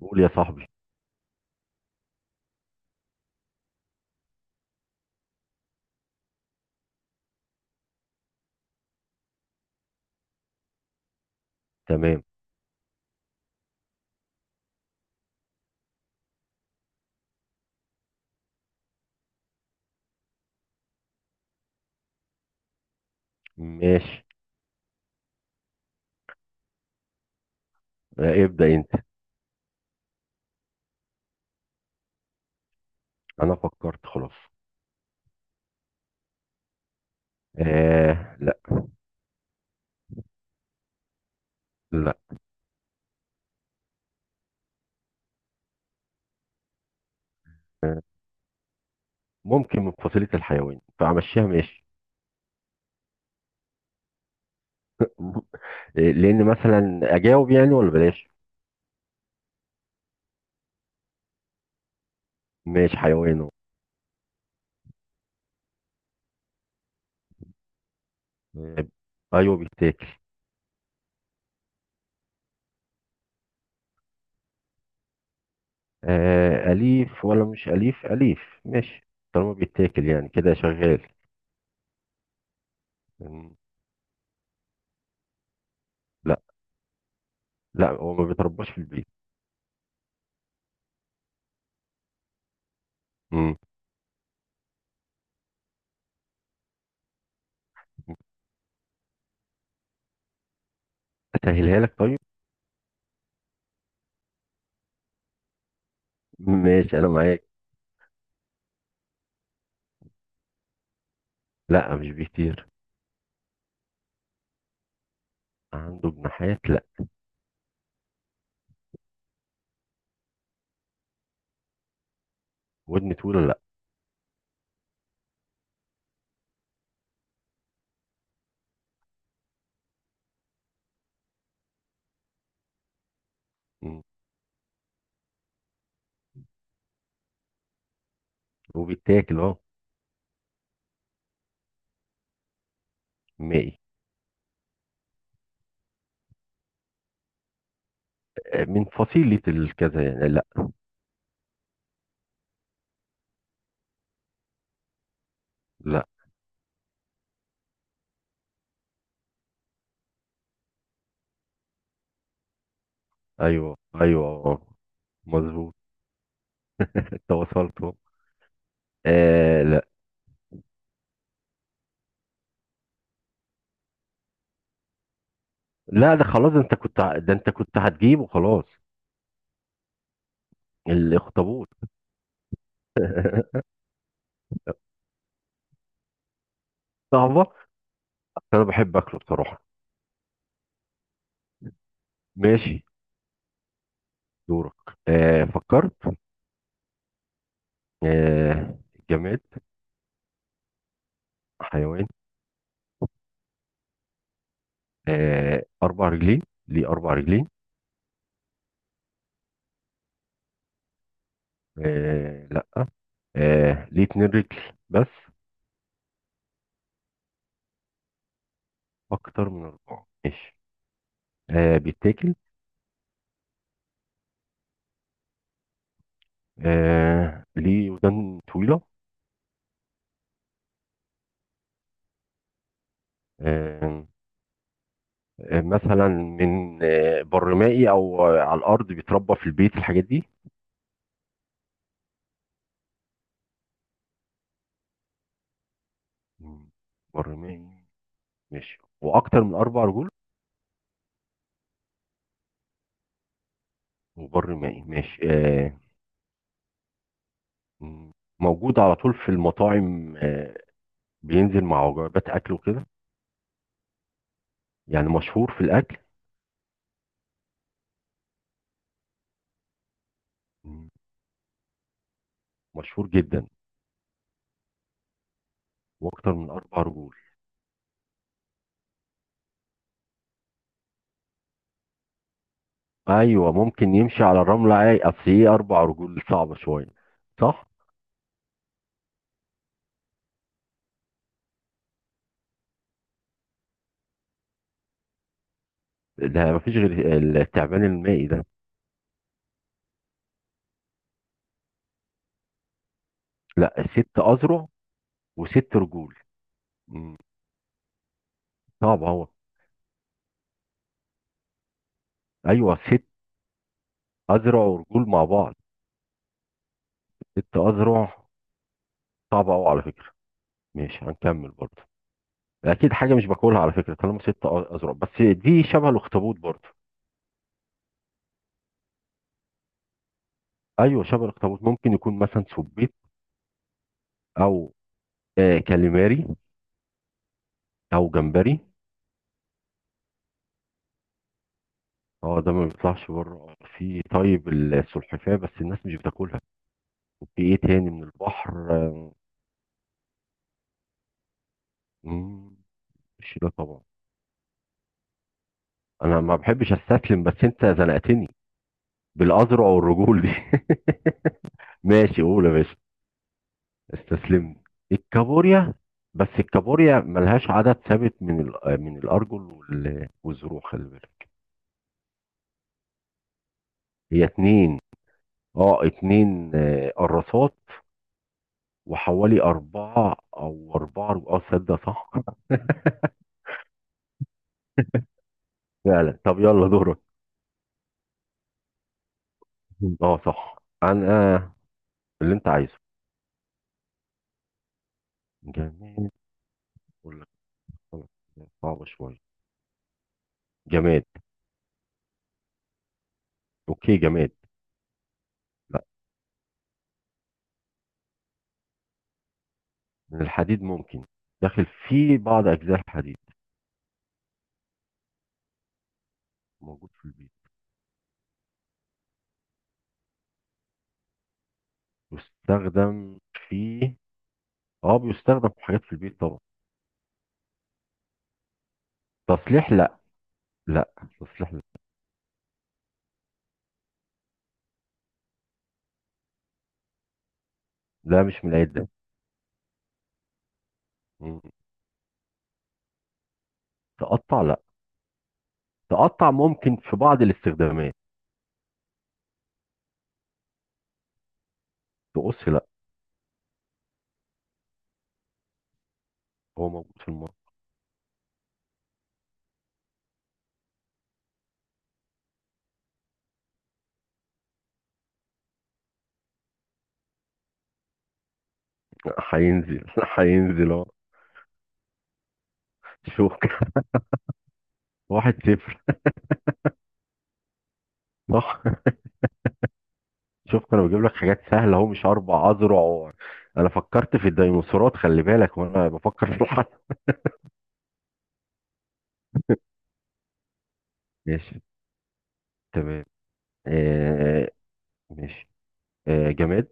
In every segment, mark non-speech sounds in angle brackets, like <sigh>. قول يا صاحبي. تمام. ماشي. آه، ابدأ انت. انا فكرت خلاص. آه، لا. لا. آه، ممكن من فصيلة الحيوان فامشيها. ماشي. م- لان مثلا اجاوب يعني، ولا بلاش؟ ماشي حيوان أهو. آه، ايوه بيتاكل. آه، اليف ولا مش اليف؟ اليف. ماشي. طالما بيتاكل يعني كده شغال. مم. لا، لا هو ما بيترباش في البيت. مم. اسهلها لك طيب. ماشي انا معاك. لا مش بيطير. عنده جناحات، لا. ودن طويلة، لا. مم. وبيتاكل، اه. مائي. آه، من فصيلة الكذا يعني، لا. لا. ايوه ايوه آه، مظبوط. انت وصلت أهو. آه، لا. لا ده خلاص، ده انت كنت هتجيبه خلاص. الاخطبوط. <laughs> صعبة، بس انا بحب اكله بصراحة. ماشي دورك. آه فكرت. آه، جماد؟ حيوان. آه، اربع رجلين ليه اربع رجلين؟ آه، لا. آه ليه اتنين رجل بس. اكتر من اربعة، ماشي. آه، بيتاكل. آه ليه ودان طويلة. آه. مثلا من برمائي أو على الأرض بيتربى في البيت الحاجات دي. مم. برمائي. ماشي وأكتر من أربع رجول. وبرمائي، ماشي آه. مم. موجود على طول في المطاعم، بينزل مع وجبات أكل وكده. يعني مشهور في الأكل. مم. مشهور جدا وأكتر من أربع رجول. أيوه ممكن يمشي على الرملة عادي، أصل إيه أربع رجول صعبة شوية، صح؟ ده مفيش غير التعبان المائي ده. لا، ست اذرع وست رجول. مم. صعب اهو. ايوه ست اذرع ورجول مع بعض. ست اذرع. صعب اهو على فكره. ماشي هنكمل برضه. اكيد حاجه مش باكلها على فكره، طالما ست اذرع، بس دي شبه الاخطبوط برضه. ايوه شبه الاخطبوط، ممكن يكون مثلا سبيط، او كاليماري، او جمبري. اه، ده ما بيطلعش بره في، طيب السلحفاه، بس الناس مش بتاكلها. وفي ايه تاني من البحر، مم، مش ده طبعا. انا ما بحبش استسلم، بس انت زنقتني بالاذرع والرجول دي. <laughs> ماشي قول يا باشا. استسلمت. الكابوريا، بس الكابوريا ملهاش عدد ثابت من من الارجل والزروع، خلي بالك. هي اتنين. اه، اتنين قراصات، وحوالي اربعة اه، تصدق؟ صح. <laughs> فعلا. طب يلا دورك. اه صح. انا اللي انت عايزه. جماد ولا، صعبة شوية. جماد. اوكي جماد. من الحديد ممكن. داخل في بعض أجزاء الحديد. موجود في البيت. يستخدم في اه بيستخدم في حاجات في البيت طبعا. تصليح، لا. لا تصليح لا. ده مش من العيد ده. مم. تقطع، لا. تقطع ممكن في بعض الاستخدامات. تقص، لا. هو موجود في المطبخ. هينزل <laughs> هينزل اهو. شوف. <laughs> واحد صفر. صح. شفت انا بجيب لك حاجات سهله اهو، مش اربع اذرع انا فكرت في الديناصورات خلي بالك، وانا بفكر في الحرب. ماشي. تمام. آه، ماشي. آه، جماد؟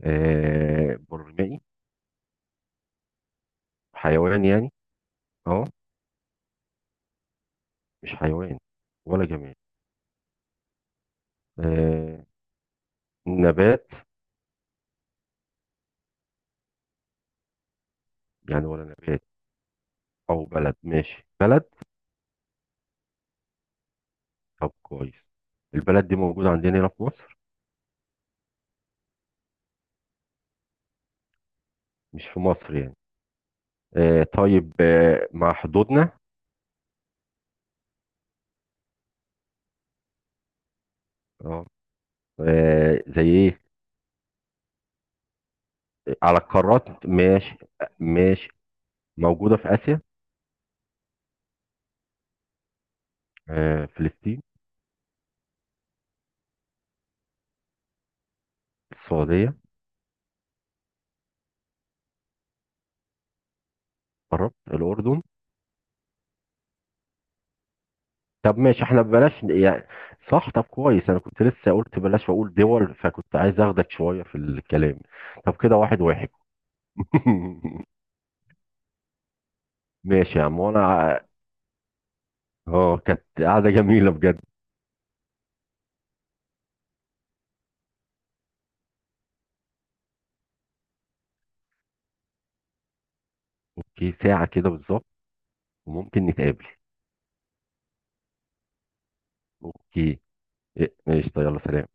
آه، برمائي؟ حيوان يعني؟ اه. مش حيوان ولا جماد؟ آه، نبات يعني؟ ولا نبات او بلد؟ ماشي بلد. طب كويس. البلد دي موجودة عندنا هنا في مصر؟ مش في مصر يعني. آه طيب. مع حدودنا؟ اه. آه، زي ايه؟ على القارات، ماشي. ماشي. موجودة في آسيا. آه، فلسطين. السعودية. قربت، الأردن. طب ماشي، احنا ببلاش يعني. صح. طب كويس، انا كنت لسه قلت بلاش واقول دول، فكنت عايز اخدك شويه في الكلام. طب كده واحد واحد. <laughs> ماشي يا عم، وانا اه كانت قعده جميله بجد. اوكي ساعه كده بالظبط، وممكن نتقابل. اوكي. إيه، ماشي طيب يلا سلام.